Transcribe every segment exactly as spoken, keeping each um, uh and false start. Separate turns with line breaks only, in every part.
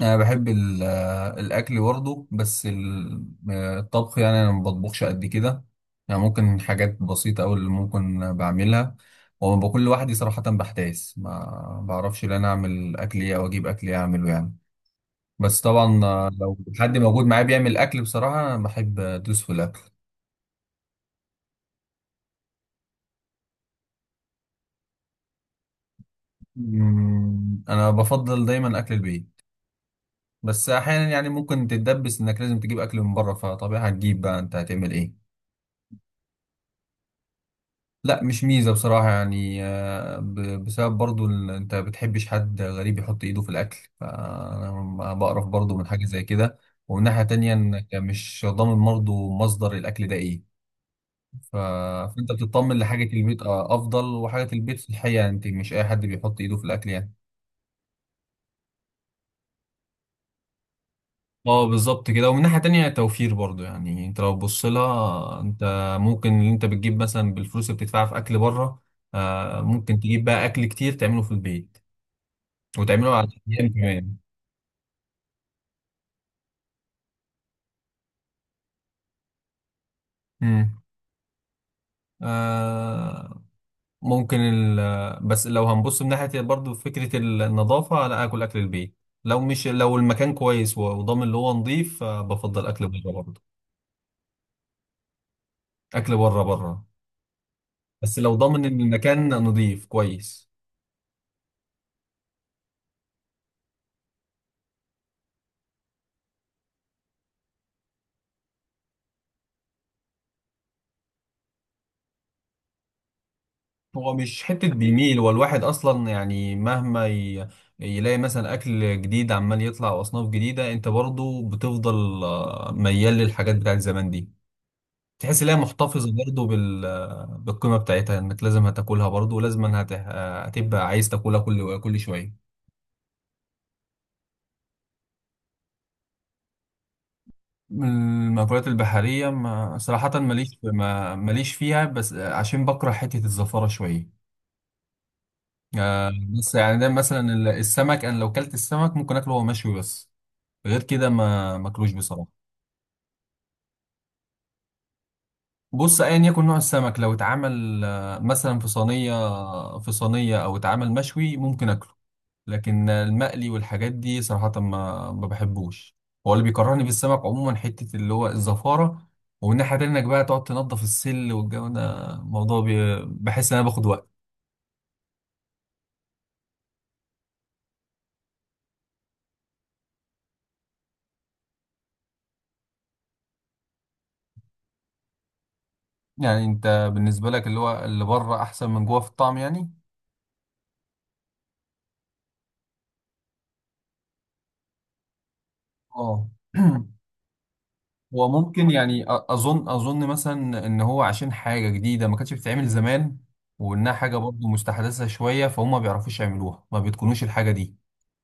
انا بحب ال- آه، الاكل برضه بس ال- آه، الطبخ، يعني انا ما بطبخش قد كده. يعني ممكن حاجات بسيطه أوي اللي ممكن بعملها، وما بكون لوحدي صراحه بحتاس، ما بعرفش ان انا اعمل اكل ايه او اجيب اكل ايه اعمله يعني. بس طبعا آه، لو حد موجود معايا بيعمل اكل، بصراحه انا بحب ادوس في الاكل. مم، انا بفضل دايما اكل البيت، بس احيانا يعني ممكن تتدبس انك لازم تجيب اكل من بره، فطبيعي هتجيب، بقى انت هتعمل ايه. لا مش ميزة، بصراحة يعني آه، ب- بسبب برضو ال- انت بتحبش حد غريب يحط ايده في الاكل، فانا ب- بقرف برضو من حاجة زي كده. ومن ناحية تانية انك مش ضامن برضو مصدر الاكل ده ايه. ف- فانت بتطمن لحاجة البيت آه، افضل، وحاجة البيت صحية، انت مش اي حد بيحط ايده في الاكل يعني. اه بالظبط كده، ومن ناحية تانية توفير برضو، يعني انت لو بص لها، انت ممكن اللي انت بتجيب مثلا بالفلوس اللي بتدفعها في اكل بره، آه، ممكن تجيب بقى اكل كتير تعمله في البيت، وتعمله على الأيام كمان. مم. آه ممكن ال... بس لو هنبص من ناحية برضو فكرة النظافة، لا أكل، أكل البيت، لو مش لو المكان كويس و- وضامن اللي هو نظيف، آه، بفضل أكل بره برضه. أكل بره بره، بس لو ضامن إن المكان نظيف كويس. هو مش حتة بيميل، والواحد أصلا يعني مهما ي... يلاقي مثلا أكل جديد عمال يطلع وأصناف جديدة، أنت برضو بتفضل آه، ميال للحاجات بتاعت زمان دي. تحس ان هي محتفظه برضه بال... بالقيمه بتاعتها، انك لازم هتاكلها برضه ولازم هت... هتبقى عايز تاكلها كل كل شويه. من المأكولات البحريه ما... صراحه ماليش في- ما... ماليش فيها، بس عشان بكره حته الزفاره شويه. آه، بس يعني ده مثلا ال- السمك، انا لو كلت السمك ممكن اكله وهو مشوي بس، غير كده ما ماكلوش بصراحه. بص ايا يكن نوع السمك لو اتعمل آه، مثلا في صينيه في صينيه او اتعمل مشوي ممكن اكله. لكن المقلي والحاجات دي صراحة ما ما بحبوش. هو اللي بيكرهني في السمك عموما حتة اللي هو الزفارة، ومن ناحية تانية انك بقى تقعد تنضف السل والجو ده، موضوع بي... بحس ان انا باخد وقت. يعني انت بالنسبة لك اللي هو اللي بره احسن من جوه في الطعم يعني. اه وممكن يعني أ- اظن اظن مثلا ان هو عشان حاجة جديدة ما كانتش بتتعمل زمان، وانها حاجة برضه مستحدثة شوية، فهم ما بيعرفوش يعملوها، ما بيتقنوش الحاجة دي.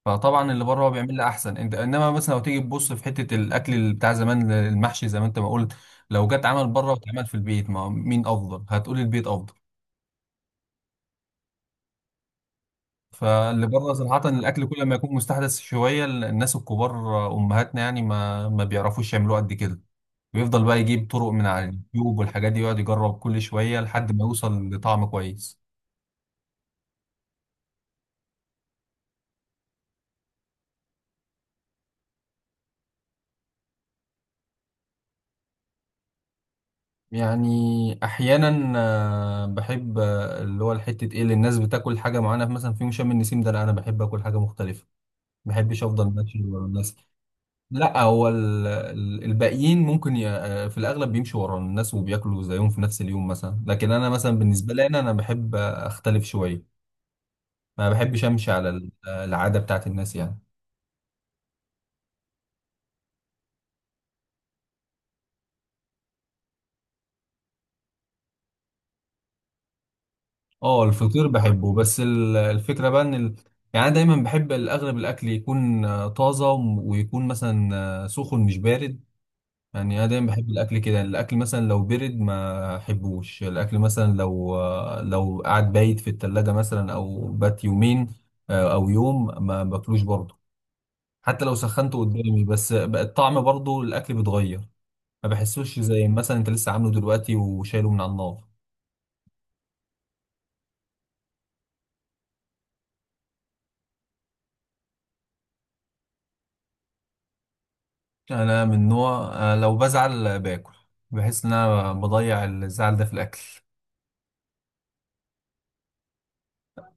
فطبعا اللي بره هو بيعمل لي احسن، انت انما مثلا لو تيجي تبص في حته الاكل اللي بتاع زمان، المحشي زي ما انت ما قلت، لو جت عمل بره واتعمل في البيت، ما هو مين افضل؟ هتقول البيت افضل. فاللي بره صراحه الاكل كل ما يكون مستحدث شويه، الناس الكبار امهاتنا يعني ما ما بيعرفوش يعملوه قد كده. بيفضل بقى يجيب طرق من على اليوتيوب والحاجات دي، يقعد يجرب كل شويه لحد ما يوصل لطعم كويس. يعني احيانا آه، بحب آه، اللي هو الحته ايه اللي الناس بتاكل حاجه معانا مثلا في يوم شم النسيم ده، لا انا بحب اكل حاجه مختلفه، ما بحبش افضل ماشي ورا الناس. لا هو ال- ال- الباقيين ممكن ي- آه، في الاغلب بيمشوا ورا الناس وبياكلوا زيهم في نفس اليوم مثلا، لكن انا مثلا بالنسبه لي انا انا بحب آه، اختلف شويه، ما بحبش امشي على ال- آه، العاده بتاعت الناس يعني. اه الفطير بحبه، بس ال- الفكرة بقى ان ال... يعني انا دايما بحب الاغلب الاكل يكون آه، طازة، وم- ويكون مثلا آه، سخن مش بارد. يعني انا دايما بحب الاكل كده، يعني الاكل مثلا لو برد ما احبوش، الاكل مثلا لو آه، لو قعد بايت في التلاجة مثلا، او بات يومين آه، او يوم ما باكلوش برضه، حتى لو سخنته قدامي، بس بقى الطعم برضه الاكل بيتغير، ما بحسوش زي مثلا انت لسه عامله دلوقتي وشايله من على النار. انا من نوع آه، لو بزعل آه، باكل. بحس ان انا بضيع الزعل ده في الاكل.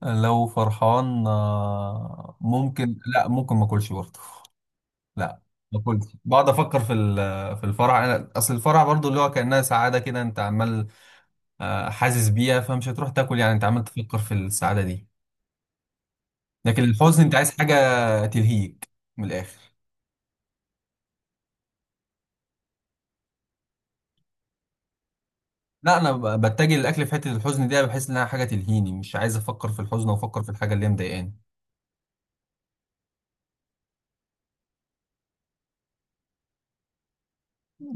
آه، لو فرحان آه، ممكن، لا ممكن ما اكلش برضه. لا ما اكلش، بقعد افكر في ال- في الفرح. انا اصل الفرح برضه اللي هو كانها سعاده كده، انت عمال آه، حاسس بيها، فمش هتروح تاكل يعني، انت عمال تفكر في السعاده دي. لكن الحزن انت عايز حاجه تلهيك من الاخر. لا انا ب- بتجه للاكل في حته الحزن دي، بحس انها حاجه تلهيني، مش عايز افكر في الحزن، وافكر في الحاجه اللي هي مضايقاني.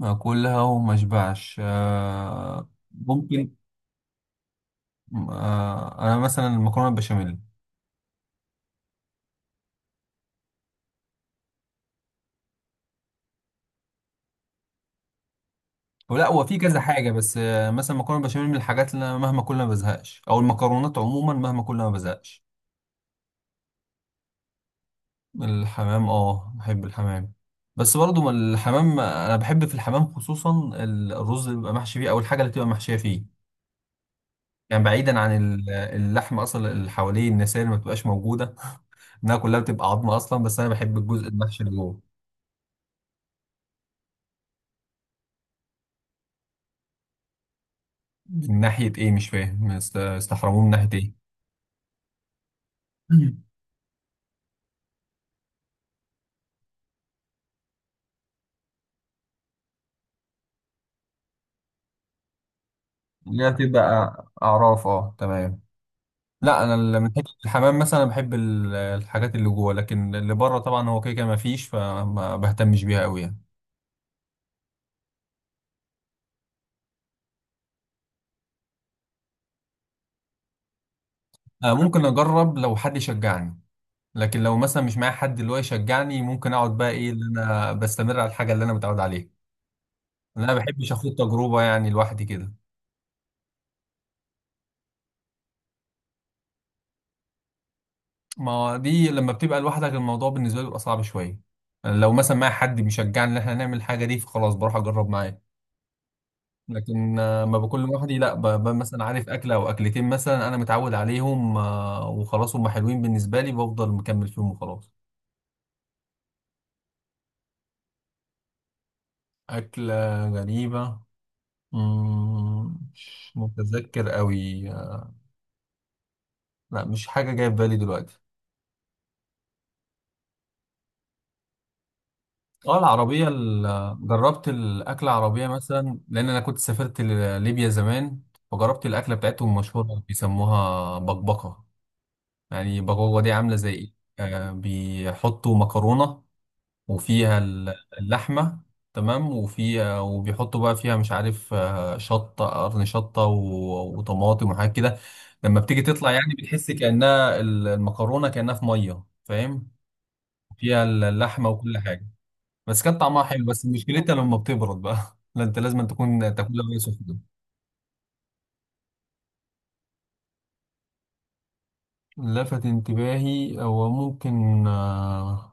اكلها وما اشبعش آه، ممكن آه، انا مثلا المكرونه البشاميل. ولا هو في كذا حاجه، بس آه، مثلا المكرونه البشاميل من الحاجات اللي انا مهما كل ما بزهقش، او المكرونات عموما مهما كل ما بزهقش. الحمام، اه بحب الحمام. بس برضو ما الحمام، انا بحب في الحمام خصوصا ال- الرز اللي بيبقى محشي فيه، او الحاجه اللي بتبقى محشيه فيه، يعني بعيدا عن ال- اللحمه اصلا اللي حواليه، النساء اللي ما بتبقاش موجوده، انها كلها بتبقى عظمه اصلا، بس انا بحب الجزء المحشي اللي جوه. من ناحية إيه؟ مش فاهم است- استحرموه من ناحية إيه؟ اللي هي بتبقى أعراف، أه تمام. لا أنا اللي من حتة الحمام مثلا بحب ال- الحاجات اللي جوه، لكن اللي بره طبعا هو كده كده مفيش، فما بهتمش بيها أوي يعني. أنا ممكن أجرب لو حد يشجعني، لكن لو مثلا مش معايا حد اللي هو يشجعني، ممكن أقعد بقى إيه، اللي أنا بستمر على الحاجة اللي أنا متعود عليها. لأن أنا ما بحبش آخد تجربة يعني لوحدي كده. ما هو دي لما بتبقى لوحدك الموضوع بالنسبة لي بيبقى صعب شوية. يعني لو مثلا معايا حد بيشجعني ان احنا نعمل الحاجة دي فخلاص بروح اجرب معاه. لكن آه، ما بكون لوحدي، لا ب- ب- مثلا عارف اكلة او اكلتين، مثلا انا متعود عليهم آه، وخلاص هم حلوين بالنسبة لي، بفضل مكمل فيهم وخلاص. أكلة غريبة، مم، مش متذكر قوي. لا مش حاجة جاية في بالي دلوقتي. اه العربية، ال- جربت الأكلة العربية مثلا، لأن أنا كنت سافرت ل- ليبيا زمان، فجربت الأكلة بتاعتهم، مشهورة بيسموها بقبقة. يعني بقبقة دي عاملة زي إيه؟ آه، بيحطوا مكرونة، وفيها ال- اللحمة، تمام، وفيها وبيحطوا بقى فيها، مش عارف، آه، شطة قرن، شطة و- وطماطم، وحاجات كده. لما بتيجي تطلع يعني بتحس كأنها ال- المكرونة كأنها في مية، فاهم، فيها اللحمة وكل حاجة. بس كانت طعمها حلو، بس مشكلتها لما بتبرد بقى لا انت لازم تكون تاكلها وهي سخنه. لفت انتباهي، هو ممكن آه،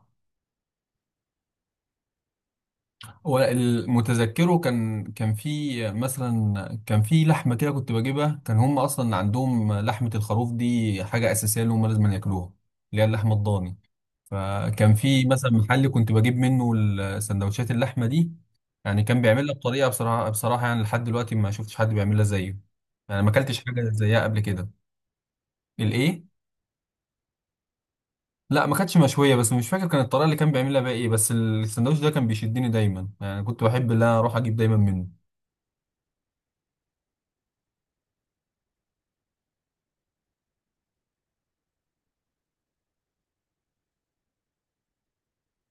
هو المتذكره كان كان في مثلا، كان في لحمه كده كنت بجيبها، كان هم اصلا عندهم لحمه الخروف دي حاجه اساسيه اللي هم لازم ياكلوها، اللي هي اللحمه الضاني. فكان في مثلا محل كنت بجيب منه ال- سندوتشات اللحمه دي. يعني كان بيعملها بطريقه، بصراحه بصراحه يعني لحد دلوقتي ما شفتش حد بيعملها زيه، يعني ما اكلتش حاجه زيها قبل كده. الايه؟ لا ما كانتش مشويه، بس مش فاكر كان الطريقه اللي كان بيعملها بقى ايه، بس السندوتش ده كان بيشدني دايما، يعني كنت بحب ان انا اروح اجيب دايما منه.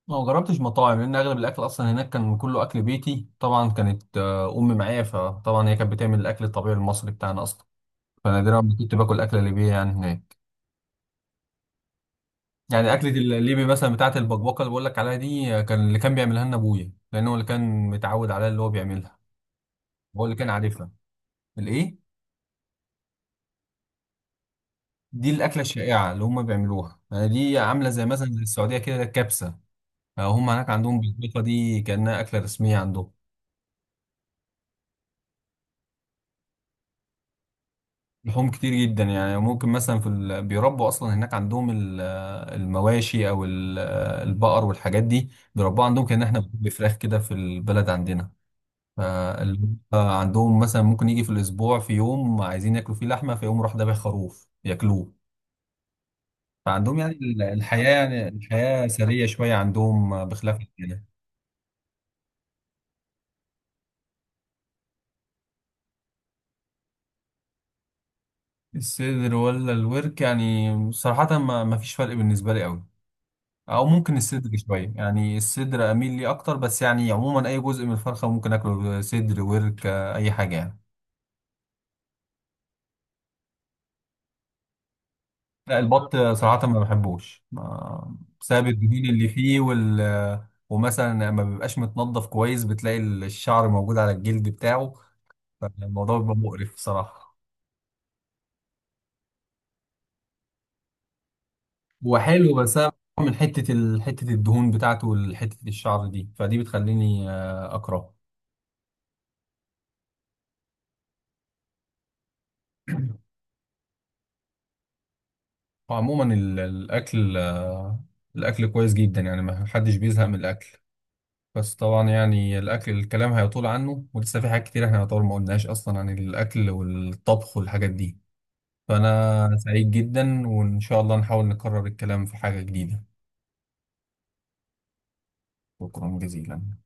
ما جربتش مطاعم لان اغلب الاكل اصلا هناك كان كله اكل بيتي، طبعا كانت آه، امي معايا، فطبعا هي كانت بتعمل الاكل الطبيعي المصري بتاعنا اصلا، فنادرا ما كنت باكل اكل ليبي يعني هناك. يعني اكله الليبي مثلا بتاعه البكبكه اللي بقول لك عليها دي، آه، كان اللي كان بيعملها لنا ابويا، لان هو اللي كان متعود عليها اللي هو بيعملها، هو اللي كان عارفها. الايه؟ دي الأكلة الشائعة اللي هم بيعملوها، يعني دي عاملة زي مثلا زي السعودية كده الكبسة. هم هناك عندهم بالبيضة دي كأنها أكلة رسمية عندهم. لحوم كتير جدا، يعني ممكن مثلا في ال... بيربوا أصلا هناك عندهم ال- المواشي، أو ال- البقر والحاجات دي بيربوها عندهم، كأن احنا بنربي فراخ كده في البلد عندنا. فال- عندهم مثلا ممكن يجي في الأسبوع في يوم عايزين ياكلوا فيه لحمة، فيقوم راح ذابح خروف ياكلوه. فعندهم يعني ال- الحياة، يعني الحياة سرية شوية عندهم بخلاف عندنا. الصدر ولا الورك، يعني صراحة ما ما فيش فرق بالنسبة لي قوي، او ممكن الصدر شوية، يعني الصدر اميل لي اكتر، بس يعني عموما اي جزء من الفرخة ممكن اكله، صدر، ورك، اي حاجة يعني. لا البط صراحة ما بحبوش، ما بسبب الدهون اللي فيه وال ومثلا ما بيبقاش متنضف كويس، بتلاقي الشعر موجود على الجلد بتاعه، فالموضوع بيبقى مقرف صراحة. هو حلو، بس أنا من حتة ال... حتة الدهون بتاعته وحتة الشعر دي، فدي بتخليني آه، اكرهه. وعموما ال- الاكل آه، الاكل كويس جدا، يعني ما حدش بيزهق من الاكل. بس طبعا يعني الاكل الكلام هيطول عنه، ولسه في حاجات كتير احنا يعتبر ما قلناش اصلا عن الاكل والطبخ والحاجات دي. فانا سعيد جدا، وان شاء الله نحاول نكرر الكلام في حاجة جديدة. شكرا جزيلا.